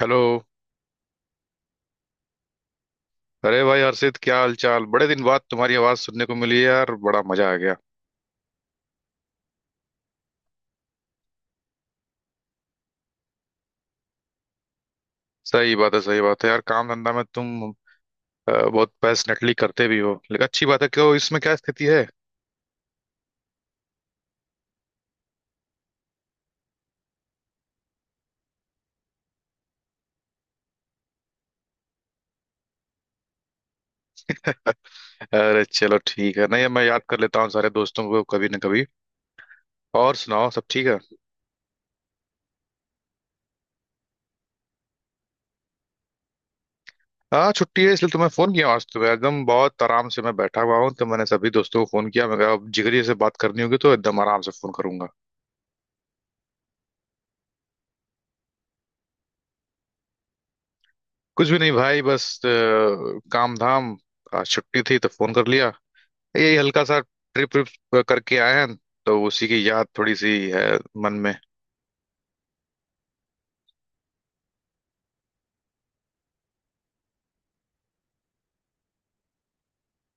Hello. अरे भाई हर्षित, क्या हाल चाल? बड़े दिन बाद तुम्हारी आवाज सुनने को मिली है यार, बड़ा मजा आ गया। सही बात है, सही बात है यार, काम धंधा में तुम बहुत पैशनेटली करते भी हो, लेकिन अच्छी बात है। क्यों, इसमें क्या स्थिति है? अरे चलो ठीक है, नहीं मैं याद कर लेता हूँ सारे दोस्तों को कभी ना कभी। और सुनाओ, सब ठीक है? हाँ छुट्टी है, इसलिए तुम्हें फोन किया। आज तो मैं एकदम बहुत आराम से मैं बैठा हुआ हूँ, तो मैंने सभी दोस्तों को फोन किया। मैं कहा अब जिगरी से बात करनी होगी तो एकदम आराम से फोन करूंगा। कुछ भी नहीं भाई, बस काम धाम। आज छुट्टी थी तो फोन कर लिया। यही हल्का सा ट्रिप ट्रिप करके आए हैं, तो उसी की याद थोड़ी सी है मन में।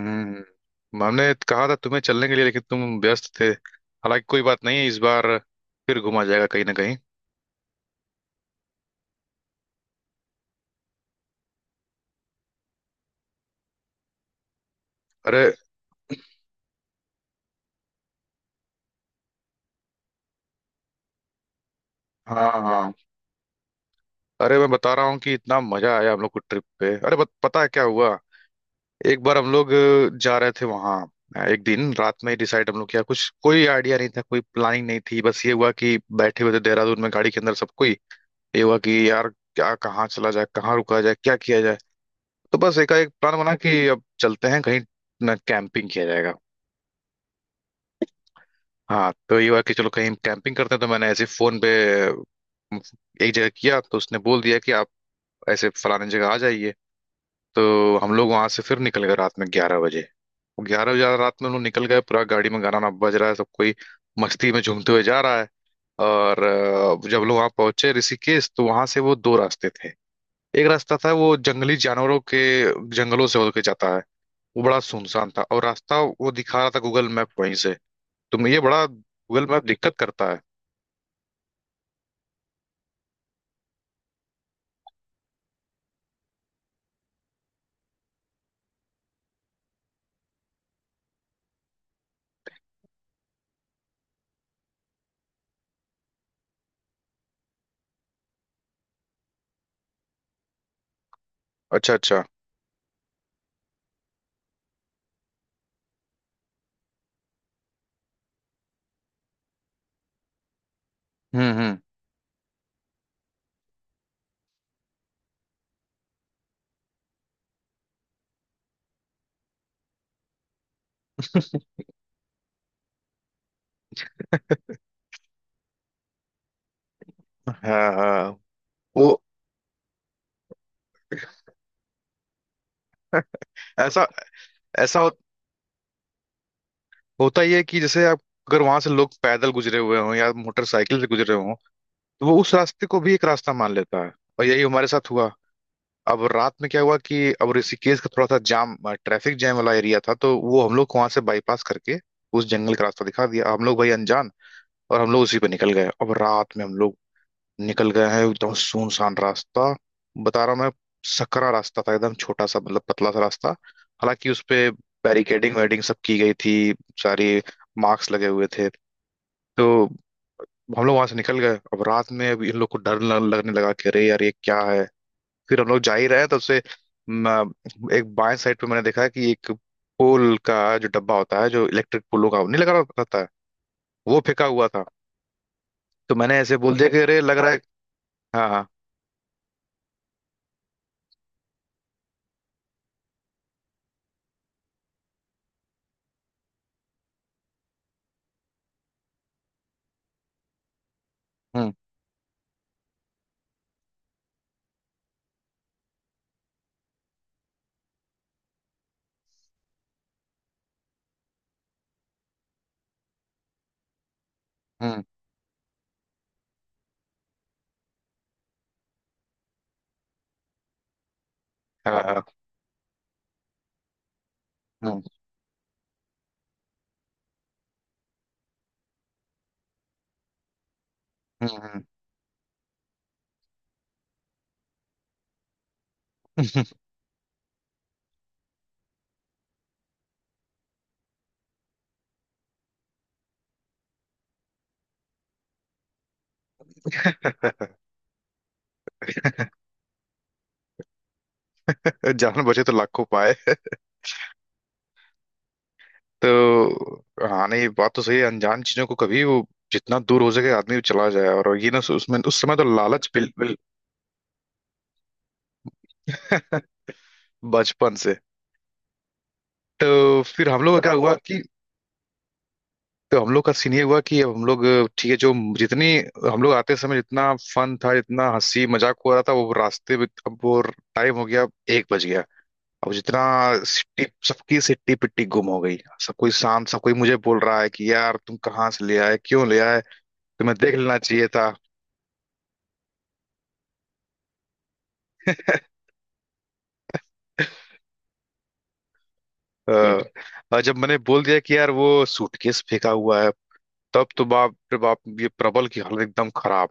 हम्म, हमने कहा था तुम्हें चलने के लिए, लेकिन तुम व्यस्त थे। हालांकि कोई बात नहीं है, इस बार फिर घुमा जाएगा कहीं ना कहीं। अरे हाँ हाँ, अरे मैं बता रहा हूँ कि इतना मजा आया हम लोग को ट्रिप पे। अरे पता है क्या हुआ? एक बार हम लोग जा रहे थे वहाँ। एक दिन रात में ही डिसाइड हम लोग किया, कुछ कोई आइडिया नहीं था, कोई प्लानिंग नहीं थी। बस ये हुआ कि बैठे हुए थे देहरादून में गाड़ी के अंदर सब कोई। ये हुआ कि यार क्या, कहाँ चला जाए, कहाँ रुका जाए, क्या किया जाए। तो बस एकाएक प्लान बना कि अब चलते हैं कहीं, ना कैंपिंग किया जाएगा। हाँ तो ये हुआ कि चलो कहीं कैंपिंग करते हैं। तो मैंने ऐसे ही फोन पे अम, एक जगह किया, तो उसने बोल दिया कि आप ऐसे फलाने जगह आ जाइए। तो हम लोग वहां से फिर निकल गए रात में 11 बजे। ग्यारह बजे रात में हम लोग निकल गए, पूरा गाड़ी में गाना वाना बज रहा है, सब कोई मस्ती में झूमते हुए जा रहा है। और जब लोग वहां पहुंचे ऋषिकेश, तो वहां से वो दो रास्ते थे। एक रास्ता था वो जंगली जानवरों के, जंगलों से होके जाता है। वो बड़ा सुनसान था, और रास्ता वो दिखा रहा था गूगल मैप वहीं से। तुम ये बड़ा गूगल मैप दिक्कत करता है। अच्छा अच्छा। हम्म। हाँ हाँ। वो ऐसा, ऐसा हो, होता ही है कि जैसे आप, अगर वहां से लोग पैदल गुजरे हुए हों या मोटरसाइकिल से गुजरे हों, तो वो उस रास्ते को भी एक रास्ता मान लेता है। और यही हमारे साथ हुआ। अब रात में क्या हुआ कि अब ऋषिकेश का थोड़ा सा जाम, ट्रैफिक जैम वाला एरिया था, तो वो हम लोग को वहां से बाईपास करके उस जंगल का रास्ता दिखा दिया। हम लोग भाई अनजान, और हम लोग उसी पे निकल गए। अब रात में हम लोग निकल गए हैं एकदम सुनसान रास्ता, बता रहा हूँ मैं। सकरा रास्ता था, एकदम छोटा सा, मतलब पतला सा रास्ता। हालांकि उस पे बैरिकेडिंग वेडिंग सब की गई थी, सारी मार्क्स लगे हुए थे। तो हम लोग वहां से निकल गए। अब रात में अब इन लोग को डर लगने लगा कि अरे यार ये क्या है। फिर हम लोग जा ही रहे हैं तब से, म, एक बाएं साइड पे मैंने देखा कि एक पोल का जो डब्बा होता है जो इलेक्ट्रिक पोलों का नहीं, लगा रहता है, वो फेंका हुआ था। तो मैंने ऐसे बोल दिया, अच्छा कि अरे लग रहा है। हाँ हाँ। हम्म हम्म। हाँ हाँ। हम्म हम्म। हम्म। जान बचे तो लाखों पाए। तो हाँ, नहीं बात तो सही है। अनजान चीजों को कभी वो जितना दूर हो सके आदमी चला जाए, और ये ना उसमें, उस समय तो लालच बिल्कुल। बचपन से। तो फिर हम लोग का क्या हुआ कि, तो हम लोग का सीन ये हुआ कि अब हम लोग ठीक है जो, जितनी, हम लोग आते समय जितना फन था, जितना हंसी मजाक हो रहा था वो रास्ते में, अब वो टाइम हो गया एक बज गया। अब जितना सिट्टी, सबकी सिट्टी पिट्टी गुम हो गई। सब कोई शांत, सब कोई मुझे बोल रहा है कि यार तुम कहाँ से ले आए, क्यों ले आए, तुम्हें देख लेना चाहिए था। अ, और जब मैंने बोल दिया कि यार वो सूटकेस फेंका हुआ है, तब तो बाप रे बाप, ये प्रबल की हालत एकदम खराब।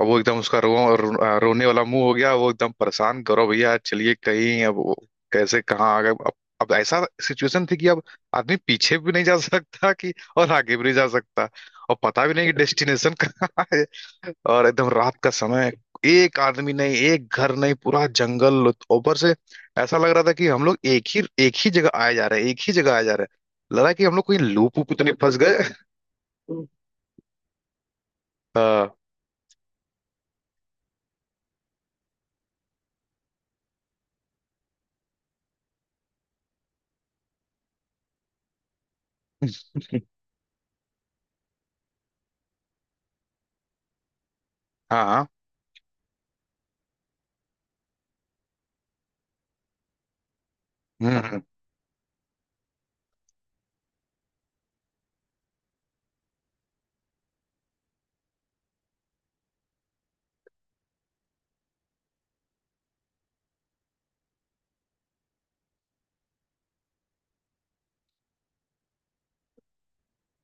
अब वो एकदम उसका रो, रो, आ, रोने वाला मुंह हो गया। वो एकदम परेशान, करो भैया चलिए कहीं, अब वो कैसे कहाँ आ गए अब। अब ऐसा सिचुएशन थी कि अब आदमी पीछे भी नहीं जा सकता कि, और आगे भी नहीं जा सकता, और पता भी नहीं कि डेस्टिनेशन कहाँ है। और एकदम रात का समय, एक आदमी नहीं, एक घर नहीं, पूरा जंगल, ऊपर से ऐसा लग रहा था कि हम लोग एक ही जगह आए जा रहे हैं, एक ही जगह आए जा रहे हैं। लगा कि हम लोग कोई लूप वूप तो नहीं फंस गए। हाँ हाँ हाँ, हम्म।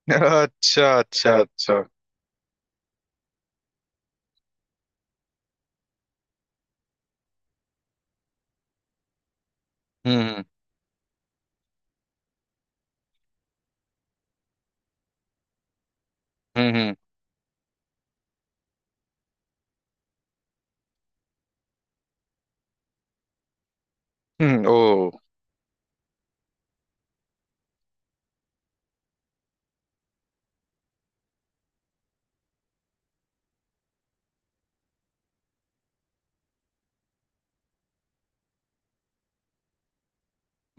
अच्छा अच्छा अच्छा। हम्म हम्म। ओ।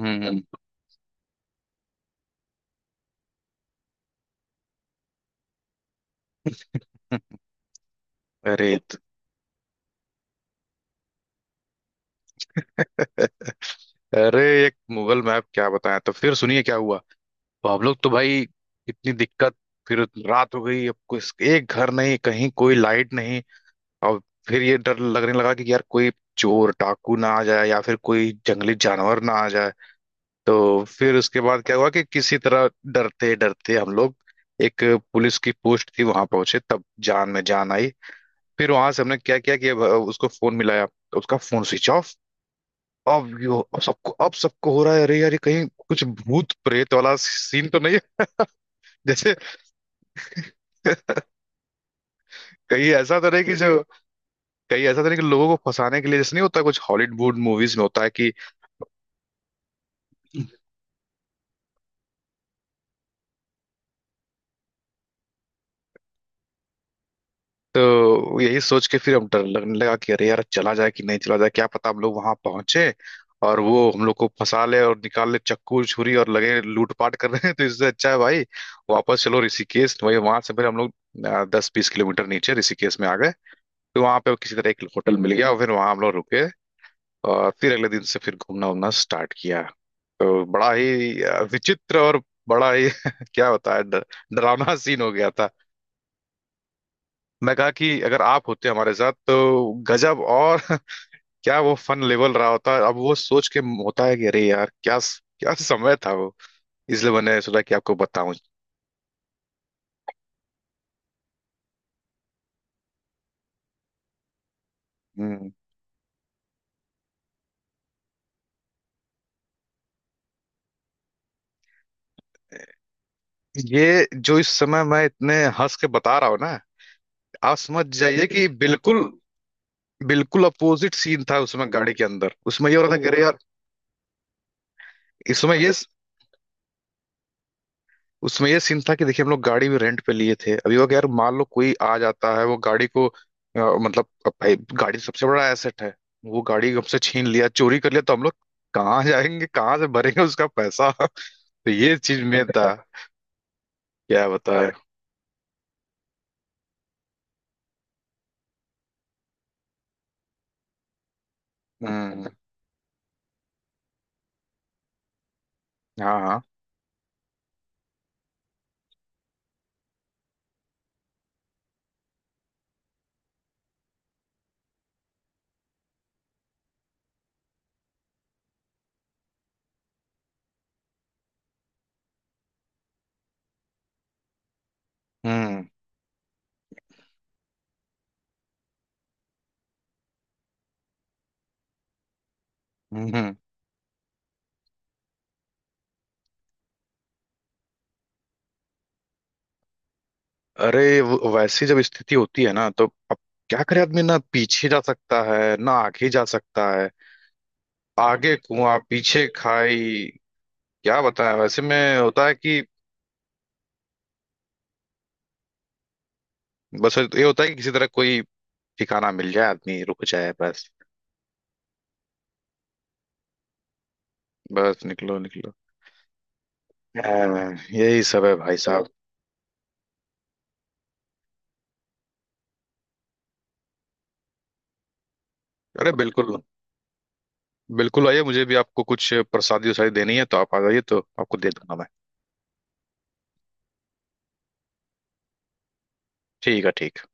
हम्म। अरे तो- अरे एक मुगल मैप क्या बताया, तो फिर सुनिए क्या हुआ। तो हम लोग तो भाई, इतनी दिक्कत। फिर रात हो गई, अब कुछ एक घर नहीं, कहीं कोई लाइट नहीं। और फिर ये डर लगने लगा कि यार कोई चोर डाकू ना आ जाए, या फिर कोई जंगली जानवर ना आ जाए। तो फिर उसके बाद क्या हुआ कि किसी तरह डरते डरते हम लोग एक पुलिस की पोस्ट थी वहां पहुंचे, तब जान में जान आई। फिर वहां से हमने क्या किया कि अब उसको फोन मिलाया तो उसका फोन स्विच ऑफ। अब यो, अब सबको, अब सबको हो रहा है अरे यार ये कहीं कुछ भूत प्रेत वाला सीन तो नहीं है। जैसे कहीं ऐसा तो नहीं कि जो, कहीं ऐसा तो नहीं कि लोगों को फंसाने के लिए, जैसे नहीं होता कुछ हॉलीवुड मूवीज में होता है कि। तो यही सोच के फिर हम, डर लगने लगा कि अरे यार चला जाए कि नहीं चला जाए, क्या पता हम लोग वहां पहुंचे और वो हम लोग को फंसा ले और निकाल ले चक्कू छुरी और लगे लूटपाट कर रहे हैं। तो इससे अच्छा है भाई वापस चलो ऋषिकेश। वही वहां से फिर हम लोग 10 20 किलोमीटर नीचे ऋषिकेश में आ गए। तो वहां पे किसी तरह एक होटल मिल गया, और फिर वहां हम लोग रुके। और फिर अगले दिन से फिर घूमना उमना स्टार्ट किया। तो बड़ा ही विचित्र और बड़ा ही क्या बताया, डरावना सीन हो गया। मैं कहा कि अगर आप होते हमारे साथ तो गजब, और क्या वो फन लेवल रहा होता। अब वो सोच के होता है कि अरे यार क्या, क्या समय था वो। इसलिए मैंने सोचा कि आपको बताऊं। हम्म। ये जो इस समय मैं इतने हंस के बता रहा हूँ ना, आप समझ जाइए कि बिल्कुल बिल्कुल अपोजिट सीन था। उसमें गाड़ी के अंदर उसमें ये हो रहा था कि अरे यार, इसमें ये, उसमें ये सीन था कि देखिए, हम लोग गाड़ी भी रेंट पे लिए थे। अभी वो यार मान लो कोई आ जाता है, वो गाड़ी को मतलब, अब भाई गाड़ी तो सबसे बड़ा एसेट है। वो गाड़ी हमसे छीन लिया, चोरी कर लिया, तो हम लोग कहाँ जाएंगे, कहाँ से भरेंगे उसका पैसा। तो ये चीज में था, क्या बताए। हम्म। हाँ हाँ। हम्म हम्म। हम्म। अरे वैसी जब स्थिति होती है ना, तो अब क्या करे आदमी, ना पीछे जा सकता है, ना आगे जा सकता है। आगे कुआं पीछे खाई, क्या बताएं, वैसे में होता है कि बस ये होता है कि किसी तरह कोई ठिकाना मिल जाए, आदमी रुक जाए बस। बस निकलो निकलो। हाँ, यही सब है भाई साहब। अरे बिल्कुल बिल्कुल, आइए, मुझे भी आपको कुछ प्रसादी उसादी देनी है, तो आप आ जाइए तो आपको दे दूंगा मैं। ठीक है, ठीक।